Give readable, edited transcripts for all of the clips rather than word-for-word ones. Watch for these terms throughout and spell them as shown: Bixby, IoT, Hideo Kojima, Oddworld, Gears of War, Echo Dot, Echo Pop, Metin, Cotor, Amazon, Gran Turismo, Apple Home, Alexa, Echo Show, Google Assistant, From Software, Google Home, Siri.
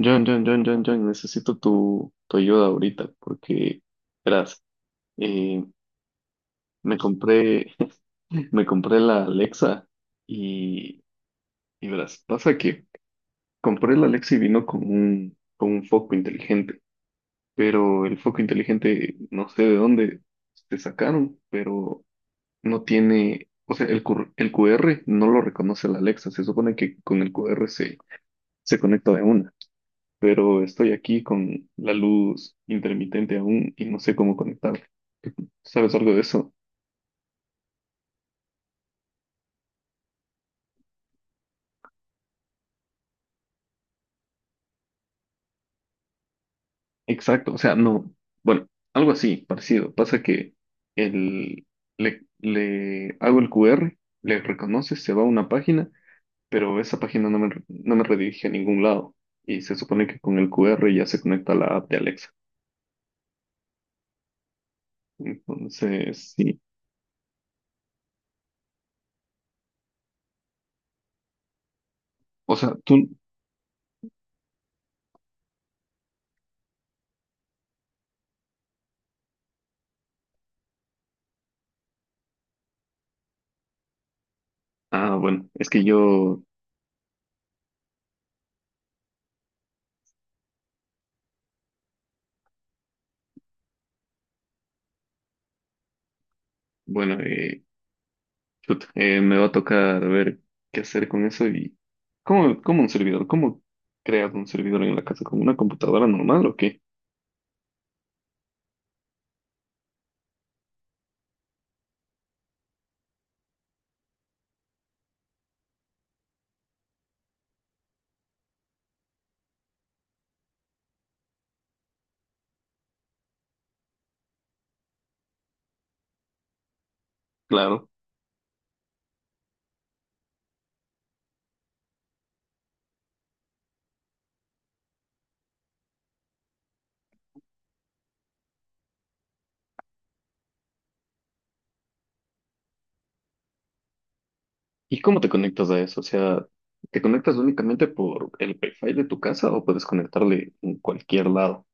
John, John, John, John, John, necesito tu ayuda ahorita porque, verás, eh, me compré, me compré la Alexa y, y verás, pasa que compré la Alexa y vino con con un foco inteligente, pero el foco inteligente no sé de dónde se sacaron, pero no tiene, o sea, el QR no lo reconoce la Alexa. Se supone que con el QR se conecta de una. Pero estoy aquí con la luz intermitente aún y no sé cómo conectarla. ¿Sabes algo de eso? Exacto, o sea, no, bueno, algo así, parecido. Pasa que el, le hago el QR, le reconoce, se va a una página, pero esa página no no me redirige a ningún lado. Y se supone que con el QR ya se conecta a la app de Alexa. Entonces, sí. O sea, tú, ah, bueno, es que yo, bueno, chut, me va a tocar ver qué hacer con eso y cómo, cómo un servidor, cómo creas un servidor en la casa con una computadora normal o qué, claro. ¿Y cómo te conectas a eso? O sea, ¿te conectas únicamente por el Wi-Fi de tu casa o puedes conectarle en cualquier lado?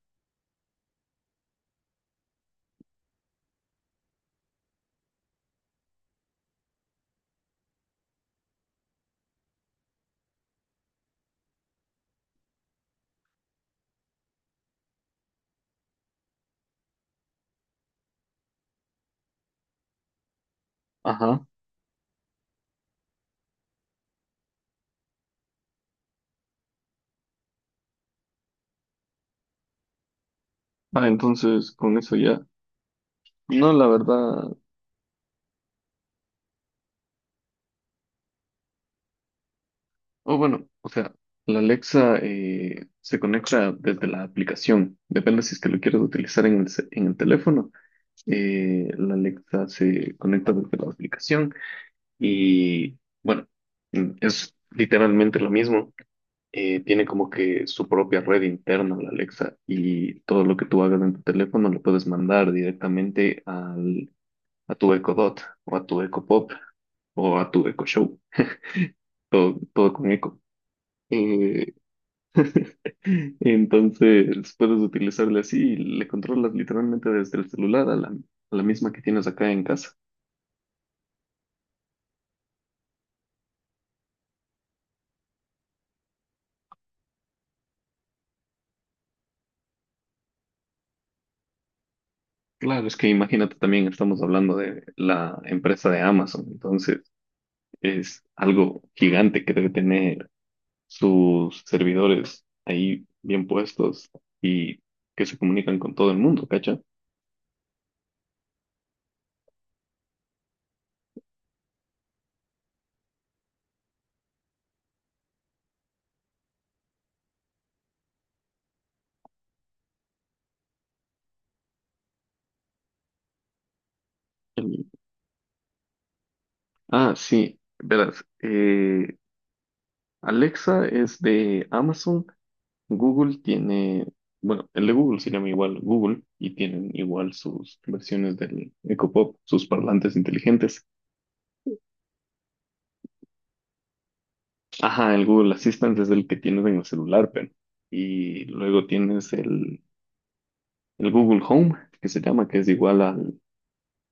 Ajá. Ah, entonces con eso ya. No, la verdad. O bueno, o sea, la Alexa se conecta desde la aplicación. Depende si es que lo quieres utilizar en en el teléfono. La Alexa se conecta desde la aplicación y bueno, es literalmente lo mismo. Tiene como que su propia red interna la Alexa, y todo lo que tú hagas en tu teléfono lo puedes mandar directamente a tu Echo Dot o a tu Echo Pop o a tu Echo Show, todo, todo con Echo. Eh, entonces puedes utilizarle así y le controlas literalmente desde el celular a a la misma que tienes acá en casa. Claro, es que imagínate también, estamos hablando de la empresa de Amazon, entonces es algo gigante que debe tener sus servidores ahí bien puestos y que se comunican con todo el mundo, ¿cacha? El- Ah, sí, verás, Alexa es de Amazon, Google tiene, bueno, el de Google se llama igual Google y tienen igual sus versiones del Echo Pop, sus parlantes inteligentes. Ajá, el Google Assistant es el que tienes en el celular, pero. Y luego tienes el Google Home, que se llama, que es igual al-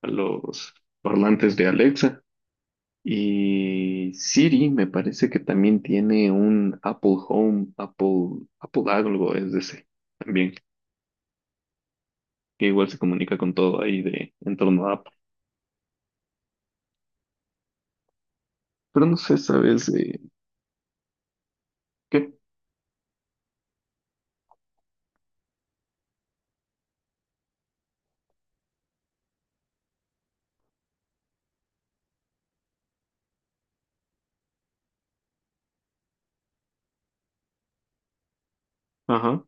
a los parlantes de Alexa. Y Siri me parece que también tiene un Apple Home, Apple, Apple algo es de ese también, que igual se comunica con todo ahí de en torno a Apple. Pero no sé, ¿sabes? ¿Qué? Ajá.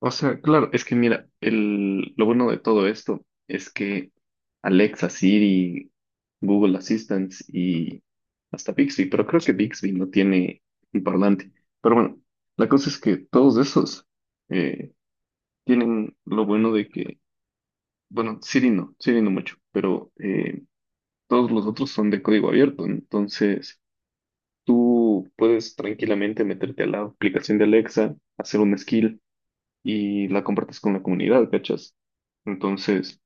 O sea, claro, es que mira, el, lo bueno de todo esto es que Alexa, Siri, Google Assistant y hasta Bixby, pero creo que Bixby no tiene un parlante. Pero bueno, la cosa es que todos esos eh, tienen lo bueno de que, bueno, Siri no mucho, pero todos los otros son de código abierto, ¿no? Entonces tú puedes tranquilamente meterte a la aplicación de Alexa, hacer un skill y la compartes con la comunidad, ¿cachas? Entonces,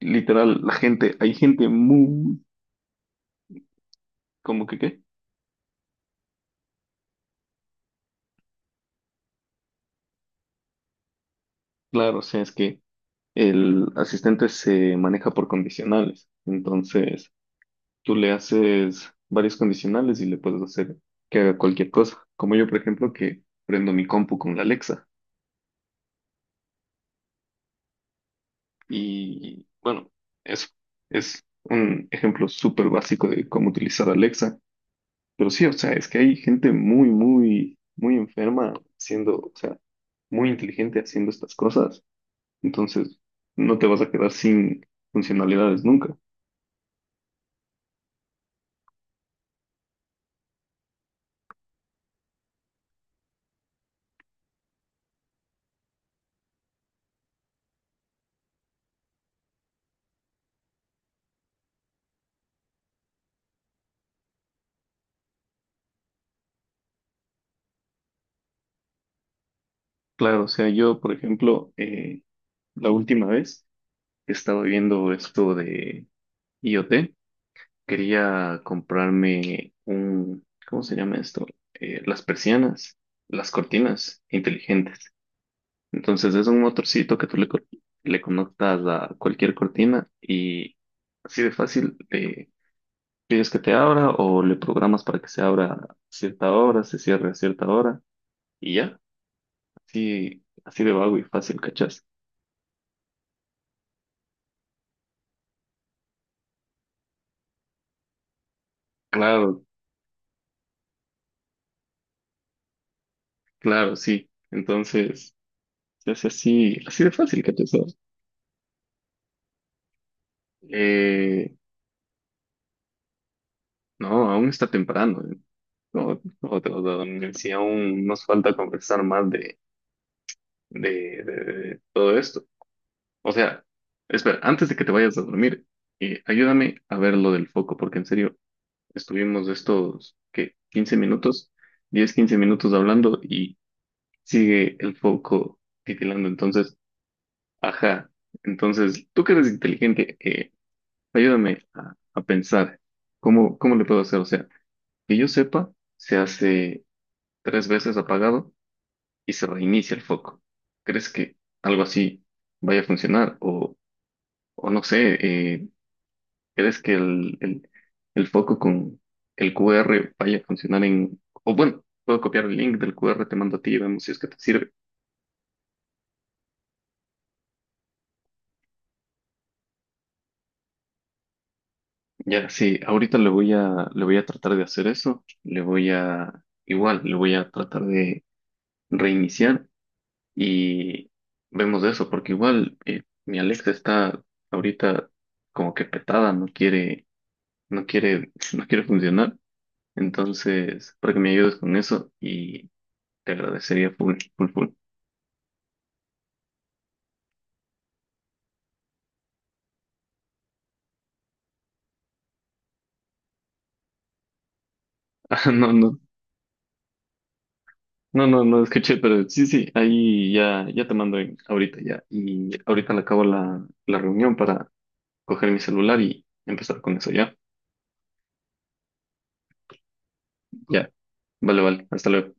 literal, la gente, hay gente muy, como que qué? Claro, o sea, es que el asistente se maneja por condicionales. Entonces, tú le haces varios condicionales y le puedes hacer que haga cualquier cosa. Como yo, por ejemplo, que prendo mi compu con la Alexa. Y bueno, eso es un ejemplo súper básico de cómo utilizar Alexa. Pero sí, o sea, es que hay gente muy, muy, muy enferma haciendo, o sea, muy inteligente haciendo estas cosas. Entonces, no te vas a quedar sin funcionalidades nunca. Claro, o sea, yo, por ejemplo, la última vez que estaba viendo esto de IoT, quería comprarme un, ¿cómo se llama esto? Las persianas, las cortinas inteligentes. Entonces es un motorcito que tú le conectas a cualquier cortina y así de fácil le pides que te abra o le programas para que se abra a cierta hora, se cierre a cierta hora y ya, así, así de vago y fácil, ¿cachás? Claro, claro, sí. Entonces se hace así, así de fácil, ¿cachás? Eh, no, aún está temprano, ¿eh? No, no te vas a dormir. Si aún nos falta conversar más de, de de todo esto. O sea, espera, antes de que te vayas a dormir, ayúdame a ver lo del foco, porque en serio, estuvimos estos, ¿qué? 15 minutos, 10 15 minutos hablando y sigue el foco titilando. Entonces, ajá, entonces, tú que eres inteligente, ayúdame a pensar cómo, cómo le puedo hacer. O sea, que yo sepa, se hace tres veces apagado y se reinicia el foco. ¿Crees que algo así vaya a funcionar? O no sé, eh, ¿crees que el foco con el QR vaya a funcionar en... O bueno, puedo copiar el link del QR, te mando a ti y vemos si es que te sirve. Ya, sí, ahorita le voy a tratar de hacer eso. Le voy a... Igual, le voy a tratar de reiniciar y vemos eso, porque igual mi Alexa está ahorita como que petada, no quiere, no quiere funcionar. Entonces, para que me ayudes con eso y te agradecería full, full, full. No, no, no, no escuché, pero sí, sí, ahí ya, ya te mando en- ahorita ya. Y ahorita le acabo la reunión para coger mi celular y empezar con eso ya. Ya, vale, vale, hasta luego.